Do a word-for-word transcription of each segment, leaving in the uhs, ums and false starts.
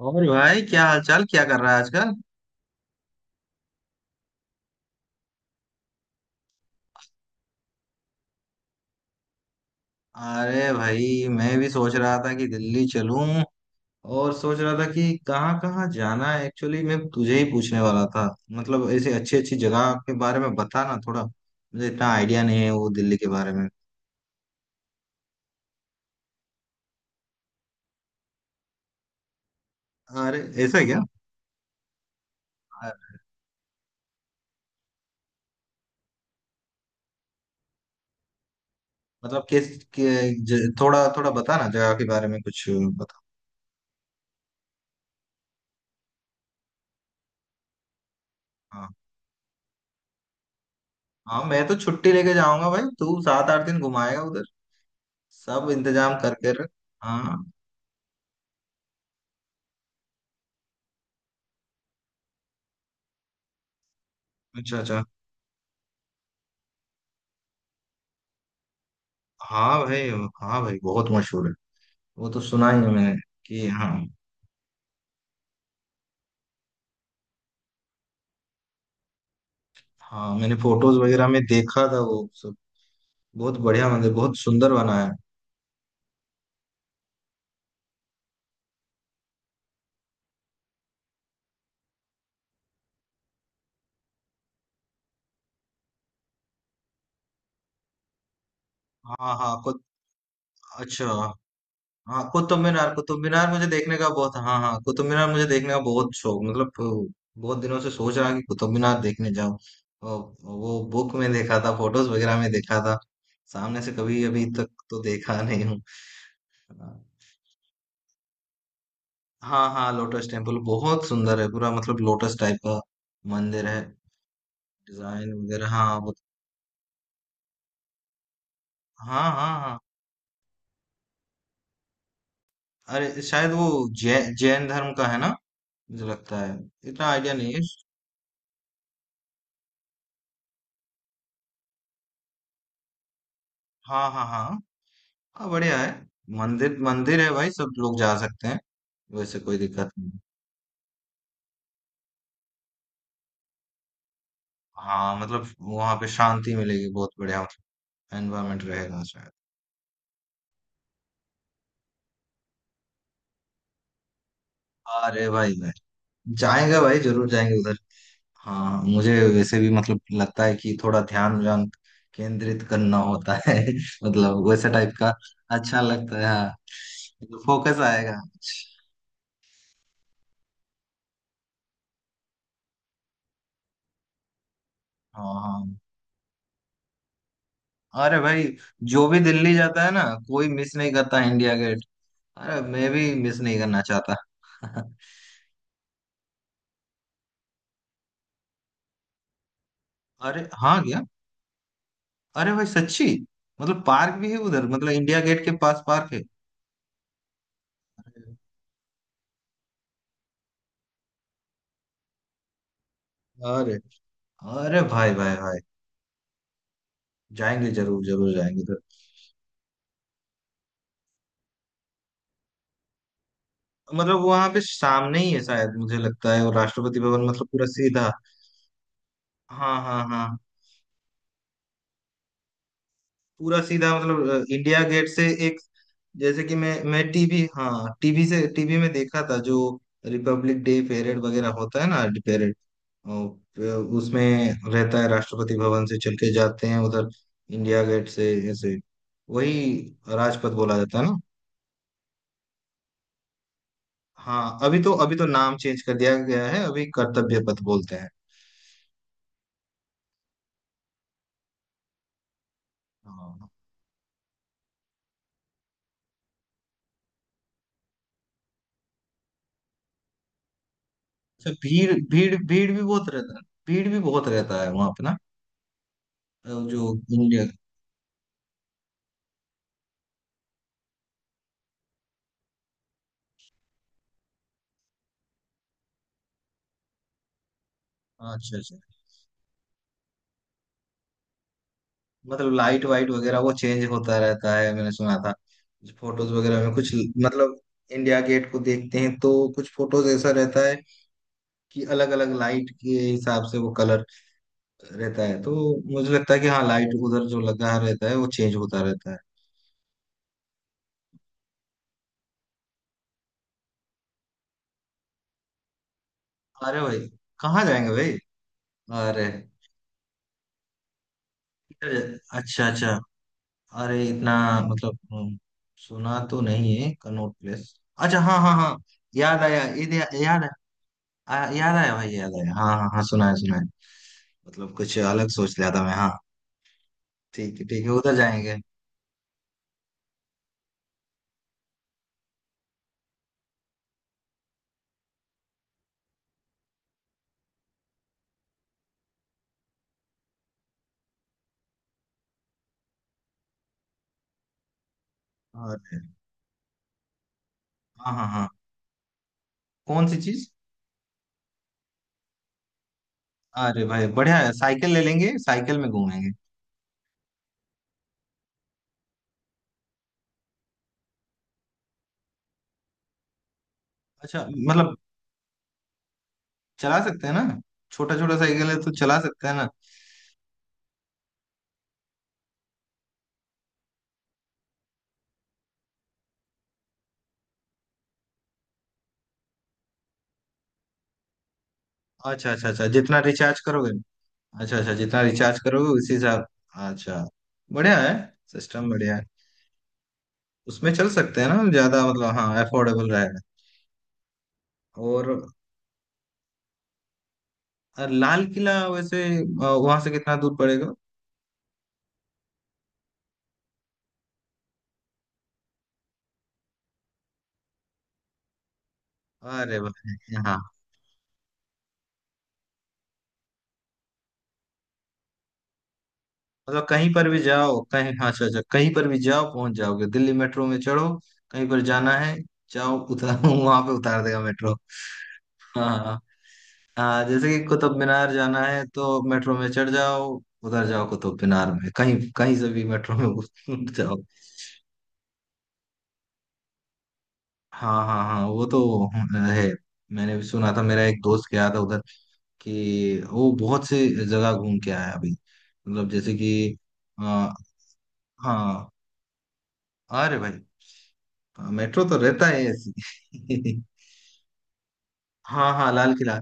और भाई, क्या हालचाल, क्या कर रहा है आजकल? अरे भाई, मैं भी सोच रहा था कि दिल्ली चलूं। और सोच रहा था कि कहाँ कहाँ जाना है, एक्चुअली मैं तुझे ही पूछने वाला था। मतलब ऐसे अच्छी अच्छी जगह के बारे में बता ना, थोड़ा मुझे इतना आइडिया नहीं है वो दिल्ली के बारे में। अरे, ऐसा है क्या? अरे, मतलब किस के, ज, थोड़ा थोड़ा बता ना, जगह के बारे में कुछ बता। हाँ हाँ, मैं तो छुट्टी लेके जाऊंगा भाई, तू सात आठ दिन घुमाएगा उधर, सब इंतजाम करके रख। हाँ, अच्छा अच्छा। हाँ भाई, हाँ भाई, बहुत मशहूर है। वो तो सुना ही है मैंने कि, हाँ। हाँ, मैंने फोटोज वगैरह में देखा था वो सब, बहुत बढ़िया मंदिर, बहुत सुंदर बना है। हाँ हाँ, कुत अच्छा। हाँ, कुतुब मीनार कुतुब मीनार मुझे देखने का बहुत हाँ हाँ, कुतुब मीनार मुझे देखने का बहुत शौक। मतलब अ, बहुत दिनों से सोच रहा कि कुतुब मीनार देखने जाऊँ। वो बुक में देखा था, फोटोज वगैरह में देखा था, सामने से कभी अभी तक तो देखा नहीं हूँ। हाँ। हाँ हाँ, लोटस टेम्पल बहुत सुंदर है, पूरा मतलब लोटस टाइप का मंदिर है, डिजाइन वगैरह, हाँ बहुत। हाँ हाँ हाँ। अरे शायद वो जै, जैन धर्म का है ना, मुझे लगता है, इतना आइडिया नहीं है। हाँ हाँ हाँ हाँ, बढ़िया है। मंदिर मंदिर है भाई, सब लोग जा सकते हैं, वैसे कोई दिक्कत नहीं। हाँ मतलब वहां पे शांति मिलेगी, बहुत बढ़िया एनवायरमेंट रहेगा शायद। अरे भाई भाई, जाएंगे भाई, जरूर जाएंगे उधर। हाँ, मुझे वैसे भी मतलब लगता है कि थोड़ा ध्यान व्यान केंद्रित करना होता है मतलब वैसे टाइप का अच्छा लगता है, हाँ फोकस आएगा। हाँ, हाँ। अरे भाई, जो भी दिल्ली जाता है ना, कोई मिस नहीं करता इंडिया गेट। अरे, मैं भी मिस नहीं करना चाहता। अरे हाँ क्या, अरे भाई सच्ची, मतलब पार्क भी है उधर, मतलब इंडिया गेट के पास पार्क है। अरे अरे, अरे भाई भाई भाई, जाएंगे जरूर, जरूर जाएंगे। मतलब वहां पे सामने ही है शायद मुझे लगता है, और राष्ट्रपति भवन मतलब पूरा सीधा। हाँ हाँ हाँ। पूरा सीधा मतलब अ, इंडिया गेट से एक, जैसे कि मैं मैं टीवी, हाँ टीवी से, टीवी में देखा था जो रिपब्लिक डे परेड वगैरह होता है ना, परेड उसमें रहता है, राष्ट्रपति भवन से चल के जाते हैं उधर इंडिया गेट से ऐसे, वही राजपथ बोला जाता है ना। हाँ, अभी तो अभी तो नाम चेंज कर दिया गया है, अभी कर्तव्य पथ बोलते हैं। हाँ। अच्छा, भीड़ भीड़ भीड़ भी बहुत रहता है, भीड़ भी बहुत रहता है वहां पे ना। अ, जो इंडिया, अच्छा अच्छा, मतलब लाइट वाइट वगैरह वो चेंज होता रहता है, मैंने सुना था, फोटोज वगैरह में कुछ, मतलब इंडिया गेट को देखते हैं तो कुछ फोटोज ऐसा रहता है कि अलग अलग लाइट के हिसाब से वो कलर रहता है, तो मुझे लगता है कि हाँ, लाइट उधर जो लगा रहता है वो चेंज होता रहता है। अरे भाई, कहाँ जाएंगे भाई, अरे। अच्छा अच्छा, अरे इतना मतलब हम्म, सुना तो नहीं है कनॉट प्लेस। अच्छा हाँ हाँ हाँ, याद आया इध- याद आया, आ- याद आया भाई, याद आया, हाँ हाँ हाँ, सुना है सुना है। मतलब कुछ अलग सोच लिया था मैं, हाँ ठीक है, ठीक है उधर जाएंगे। अरे हाँ, हाँ हाँ, कौन सी चीज? अरे भाई बढ़िया है, साइकिल ले लेंगे, साइकिल में घूमेंगे। अच्छा मतलब चला सकते हैं ना, छोटा छोटा साइकिल है तो चला सकते हैं ना। अच्छा अच्छा, अच्छा जितना रिचार्ज करोगे, अच्छा अच्छा जितना रिचार्ज करोगे उसी हिसाब। अच्छा, बढ़िया है, सिस्टम बढ़िया है। उसमें चल सकते हैं ना ज्यादा, मतलब हाँ, अफोर्डेबल रहेगा। और अ, लाल किला वैसे वहां से कितना दूर पड़ेगा? अरे भाई हाँ, मतलब कहीं पर भी जाओ कहीं, हाँ, अच्छा अच्छा, कहीं पर भी जाओ पहुंच जाओगे, दिल्ली मेट्रो में चढ़ो, कहीं पर जाना है जाओ, उतार वहां पे उतार देगा मेट्रो। हाँ हाँ हाँ, जैसे कि कुतुब मीनार जाना है तो मेट्रो में चढ़ जाओ, उधर जाओ कुतुब मीनार में, कहीं कहीं से भी मेट्रो में जाओ। हाँ हाँ हाँ, वो तो है, मैंने भी सुना था, मेरा एक दोस्त गया था उधर कि वो बहुत से जगह घूम के आया अभी, मतलब जैसे कि आ, हाँ, अरे भाई, मेट्रो तो रहता है ऐसी। हाँ हाँ, लाल किला।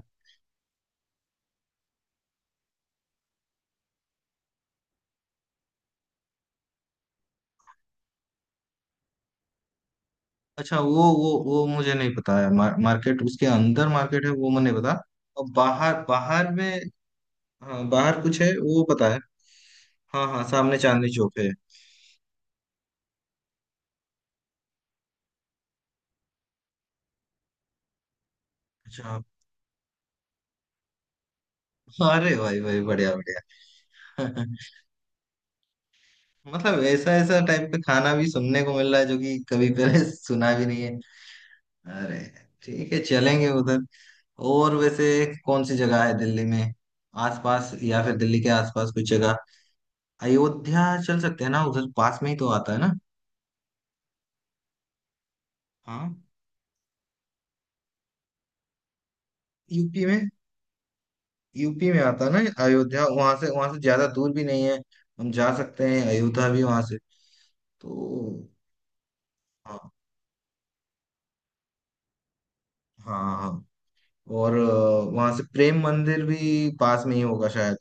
अच्छा वो वो वो मुझे नहीं पता है, मार, मार्केट, उसके अंदर मार्केट है वो मुझे नहीं पता। और बाहर बाहर में, हाँ बाहर कुछ है वो पता है, हाँ हाँ सामने चांदनी चौक है। अच्छा, अरे भाई भाई, बढ़िया बढ़िया। मतलब ऐसा ऐसा टाइप का खाना भी सुनने को मिल रहा है जो कि कभी पहले सुना भी नहीं है। अरे, ठीक है चलेंगे उधर। और वैसे कौन सी जगह है दिल्ली में आसपास, या फिर दिल्ली के आसपास कोई जगह, अयोध्या चल सकते हैं ना, उधर पास में ही तो आता है ना। हाँ, यूपी में, यूपी में आता है ना, अयोध्या वहां से, वहां से ज्यादा दूर भी नहीं है, हम जा सकते हैं अयोध्या भी वहां से तो। हाँ हाँ हाँ। और वहां से प्रेम मंदिर भी पास में ही होगा शायद,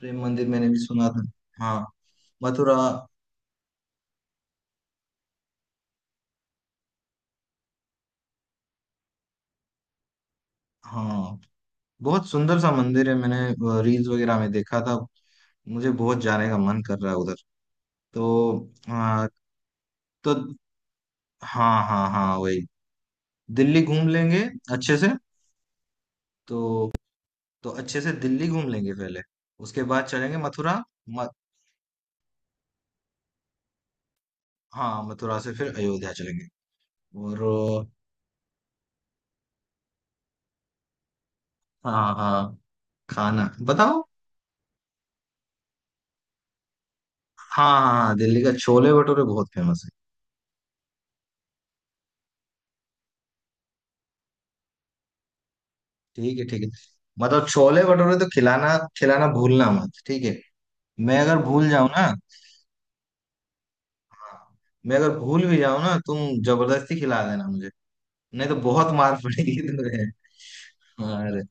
प्रेम मंदिर मैंने भी सुना था। हाँ, मथुरा। हाँ, बहुत सुंदर सा मंदिर है, मैंने रील्स वगैरह में देखा था, मुझे बहुत जाने का मन कर रहा है उधर तो। हाँ तो, हाँ हाँ हाँ, वही, दिल्ली घूम लेंगे अच्छे से तो। तो अच्छे से दिल्ली घूम लेंगे पहले, उसके बाद चलेंगे मथुरा। म, हाँ, मथुरा से फिर अयोध्या चलेंगे। और हाँ हाँ, खाना बताओ। हाँ हाँ हाँ, दिल्ली का छोले भटूरे बहुत फेमस है। ठीक है ठीक है, मतलब छोले भटूरे तो खिलाना, खिलाना भूलना मत ठीक है, मैं अगर भूल जाऊं ना, हाँ। मैं अगर भूल भी जाऊं ना, तुम जबरदस्ती खिला देना मुझे, नहीं तो बहुत मार पड़ेगी तुम्हें। अरे,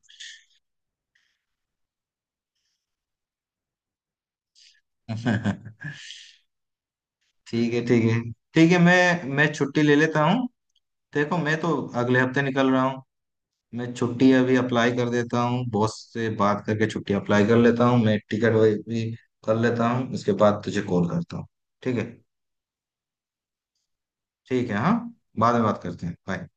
ठीक है ठीक है, ठीक है मैं मैं छुट्टी ले लेता हूँ। देखो मैं तो अगले हफ्ते निकल रहा हूँ, मैं छुट्टी अभी अप्लाई कर देता हूँ, बॉस से बात करके छुट्टी अप्लाई कर लेता हूँ, मैं टिकट भी कर लेता हूँ, उसके बाद तुझे कॉल करता हूँ, ठीक है। ठीक है हाँ, बाद में बात करते हैं, बाय।